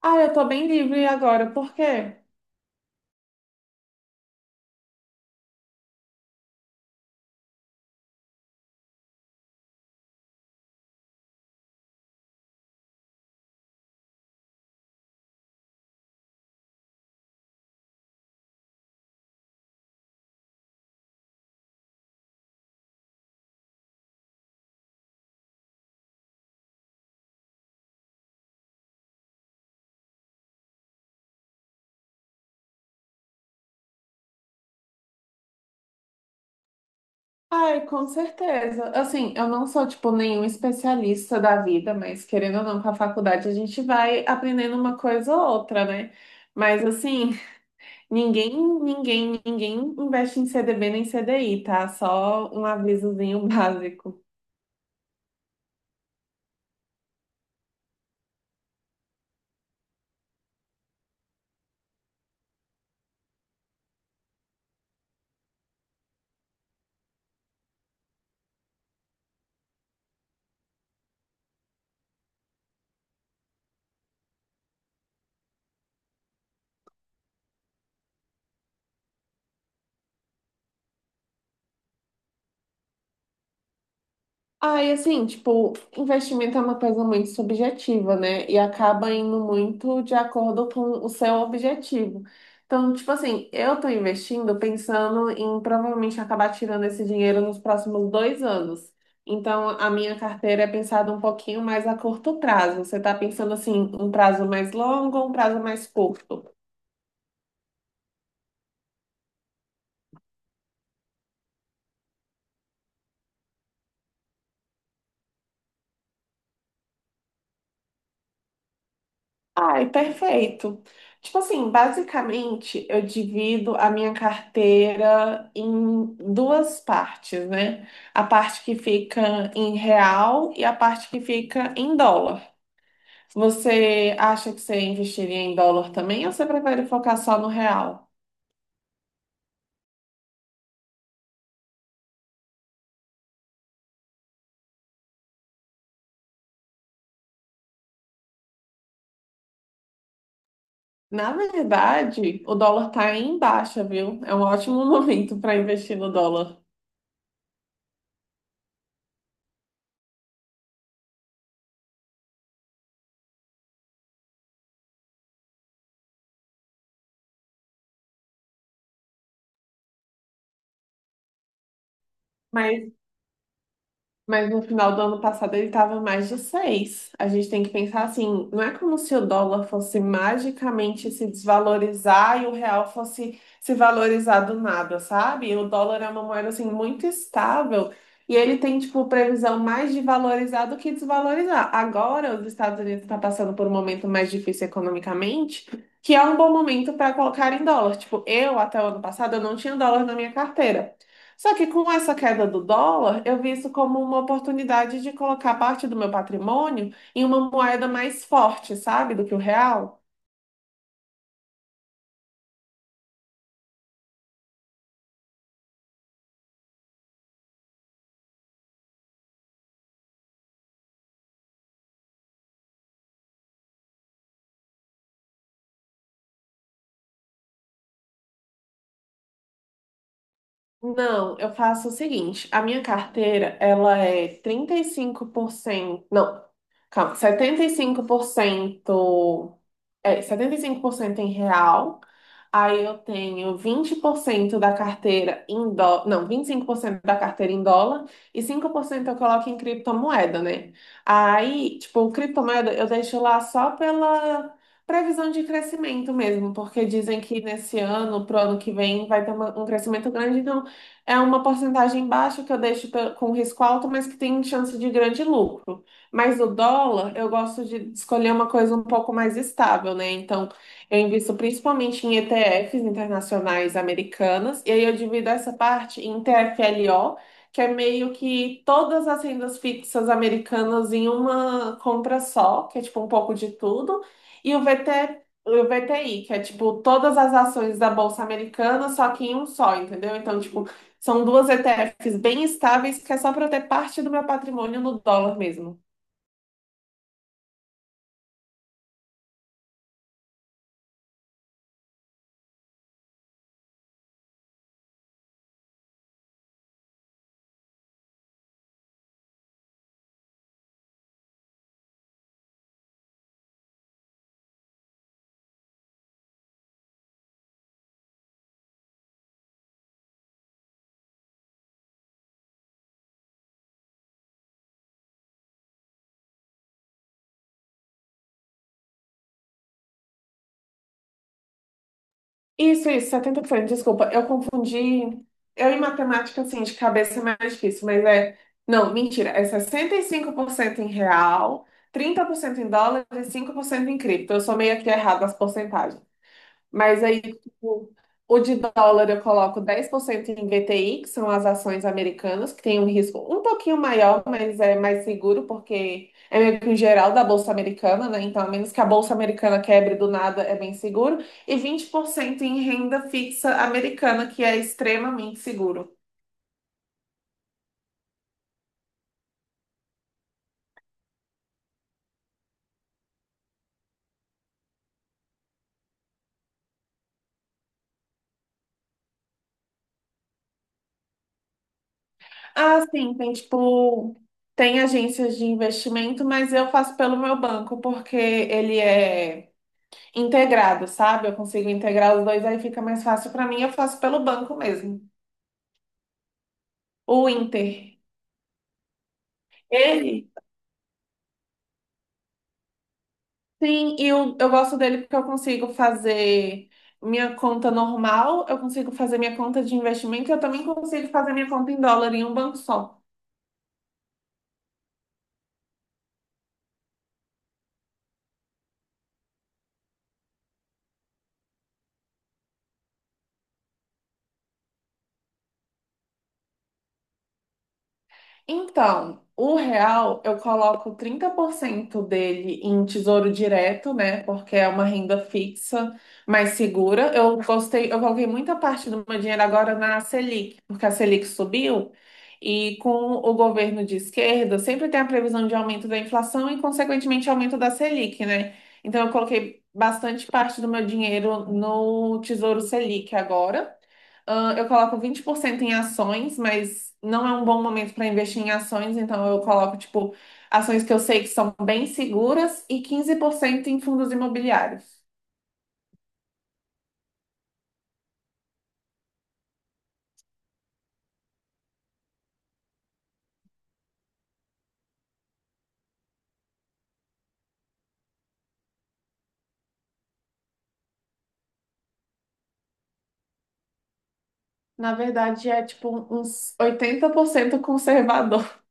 Ah, eu tô bem livre agora, por quê? Ai, com certeza. Assim, eu não sou, tipo, nenhum especialista da vida, mas querendo ou não, com a faculdade a gente vai aprendendo uma coisa ou outra, né? Mas, assim, ninguém, ninguém investe em CDB nem CDI, tá? Só um avisozinho básico. Ah, e assim, tipo, investimento é uma coisa muito subjetiva, né? E acaba indo muito de acordo com o seu objetivo. Então, tipo assim, eu tô investindo pensando em provavelmente acabar tirando esse dinheiro nos próximos 2 anos. Então, a minha carteira é pensada um pouquinho mais a curto prazo. Você tá pensando assim, um prazo mais longo ou um prazo mais curto? Ai, perfeito. Tipo assim, basicamente eu divido a minha carteira em duas partes, né? A parte que fica em real e a parte que fica em dólar. Você acha que você investiria em dólar também ou você prefere focar só no real? Na verdade, o dólar tá em baixa, viu? É um ótimo momento para investir no dólar. mas Mas no final do ano passado ele estava mais de 6. A gente tem que pensar assim, não é como se o dólar fosse magicamente se desvalorizar e o real fosse se valorizar do nada, sabe? O dólar é uma moeda assim muito estável e ele tem tipo previsão mais de valorizar do que desvalorizar. Agora os Estados Unidos estão passando por um momento mais difícil economicamente, que é um bom momento para colocar em dólar. Tipo, eu até o ano passado eu não tinha dólar na minha carteira. Só que com essa queda do dólar, eu vi isso como uma oportunidade de colocar parte do meu patrimônio em uma moeda mais forte, sabe, do que o real. Não, eu faço o seguinte, a minha carteira, ela é 35% não, calma, 75% 75% em real, aí eu tenho 20% da carteira em dólar, não, 25% da carteira em dólar e 5% eu coloco em criptomoeda, né? Aí, tipo, criptomoeda eu deixo lá só pela previsão de crescimento mesmo, porque dizem que nesse ano, pro ano que vem, vai ter um crescimento grande, então é uma porcentagem baixa que eu deixo com risco alto, mas que tem chance de grande lucro. Mas o dólar, eu gosto de escolher uma coisa um pouco mais estável, né? Então, eu invisto principalmente em ETFs internacionais americanas, e aí eu divido essa parte em TFLO, que é meio que todas as rendas fixas americanas em uma compra só, que é tipo um pouco de tudo, e o VT, o VTI, que é tipo todas as ações da Bolsa Americana, só que em um só, entendeu? Então, tipo, são duas ETFs bem estáveis, que é só para eu ter parte do meu patrimônio no dólar mesmo. Isso, 70%. Desculpa, eu confundi. Eu em matemática, assim, de cabeça é mais difícil, mas é. Não, mentira, é 65% em real, 30% em dólar e 5% em cripto. Eu sou meio que errada as porcentagens. Mas aí, tipo, o de dólar eu coloco 10% em VTI, que são as ações americanas, que tem um risco um pouquinho maior, mas é mais seguro, porque é meio que o geral da Bolsa Americana, né? Então, a menos que a Bolsa Americana quebre do nada, é bem seguro. E 20% em renda fixa americana, que é extremamente seguro. Ah, sim, tem tipo. Tem agências de investimento, mas eu faço pelo meu banco, porque ele é integrado, sabe? Eu consigo integrar os dois, aí fica mais fácil para mim. Eu faço pelo banco mesmo. O Inter. Ele, sim, e eu gosto dele porque eu consigo fazer minha conta normal, eu consigo fazer minha conta de investimento e eu também consigo fazer minha conta em dólar em um banco só. Então, o real eu coloco 30% dele em tesouro direto, né? Porque é uma renda fixa mais segura. Eu gostei, eu coloquei muita parte do meu dinheiro agora na Selic, porque a Selic subiu e com o governo de esquerda sempre tem a previsão de aumento da inflação e, consequentemente, aumento da Selic, né? Então, eu coloquei bastante parte do meu dinheiro no Tesouro Selic agora. Eu coloco 20% em ações, mas não é um bom momento para investir em ações, então eu coloco, tipo, ações que eu sei que são bem seguras e 15% em fundos imobiliários. Na verdade, é tipo uns 80% conservador.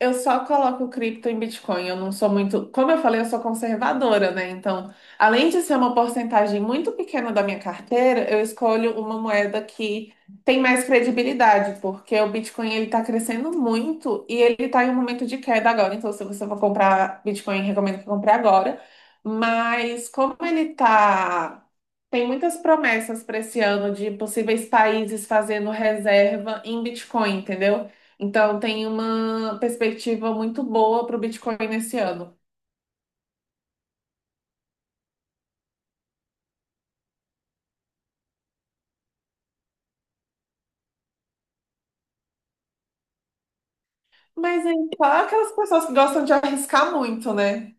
Eu só coloco cripto em Bitcoin. Eu não sou muito. Como eu falei, eu sou conservadora, né? Então, além de ser uma porcentagem muito pequena da minha carteira, eu escolho uma moeda que tem mais credibilidade, porque o Bitcoin ele está crescendo muito e ele está em um momento de queda agora. Então, se você for comprar Bitcoin, recomendo que compre agora. Mas como ele tá. Tem muitas promessas para esse ano de possíveis países fazendo reserva em Bitcoin, entendeu? Então tem uma perspectiva muito boa para o Bitcoin nesse ano. Mas aí, claro, aquelas pessoas que gostam de arriscar muito, né?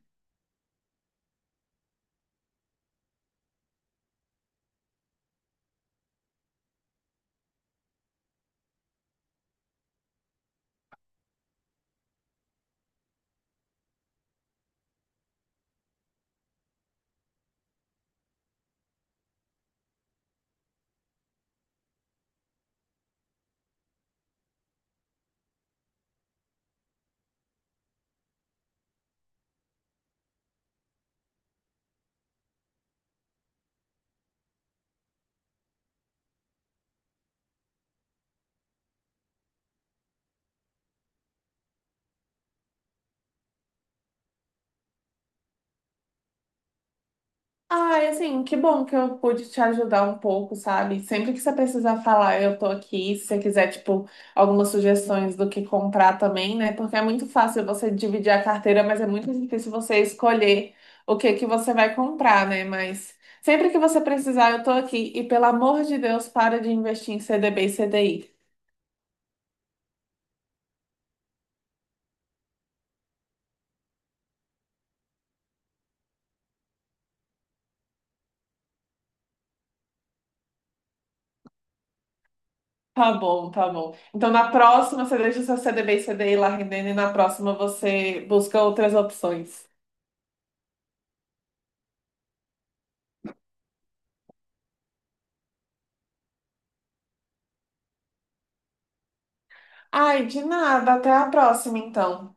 Ah, e assim, que bom que eu pude te ajudar um pouco, sabe? Sempre que você precisar falar, eu tô aqui. Se você quiser, tipo, algumas sugestões do que comprar também, né? Porque é muito fácil você dividir a carteira, mas é muito difícil você escolher o que que você vai comprar, né? Mas sempre que você precisar, eu tô aqui. E pelo amor de Deus, para de investir em CDB e CDI. Tá bom, tá bom. Então, na próxima, você deixa o seu CDB e CDI lá rendendo e na próxima você busca outras opções. Ai, de nada. Até a próxima, então.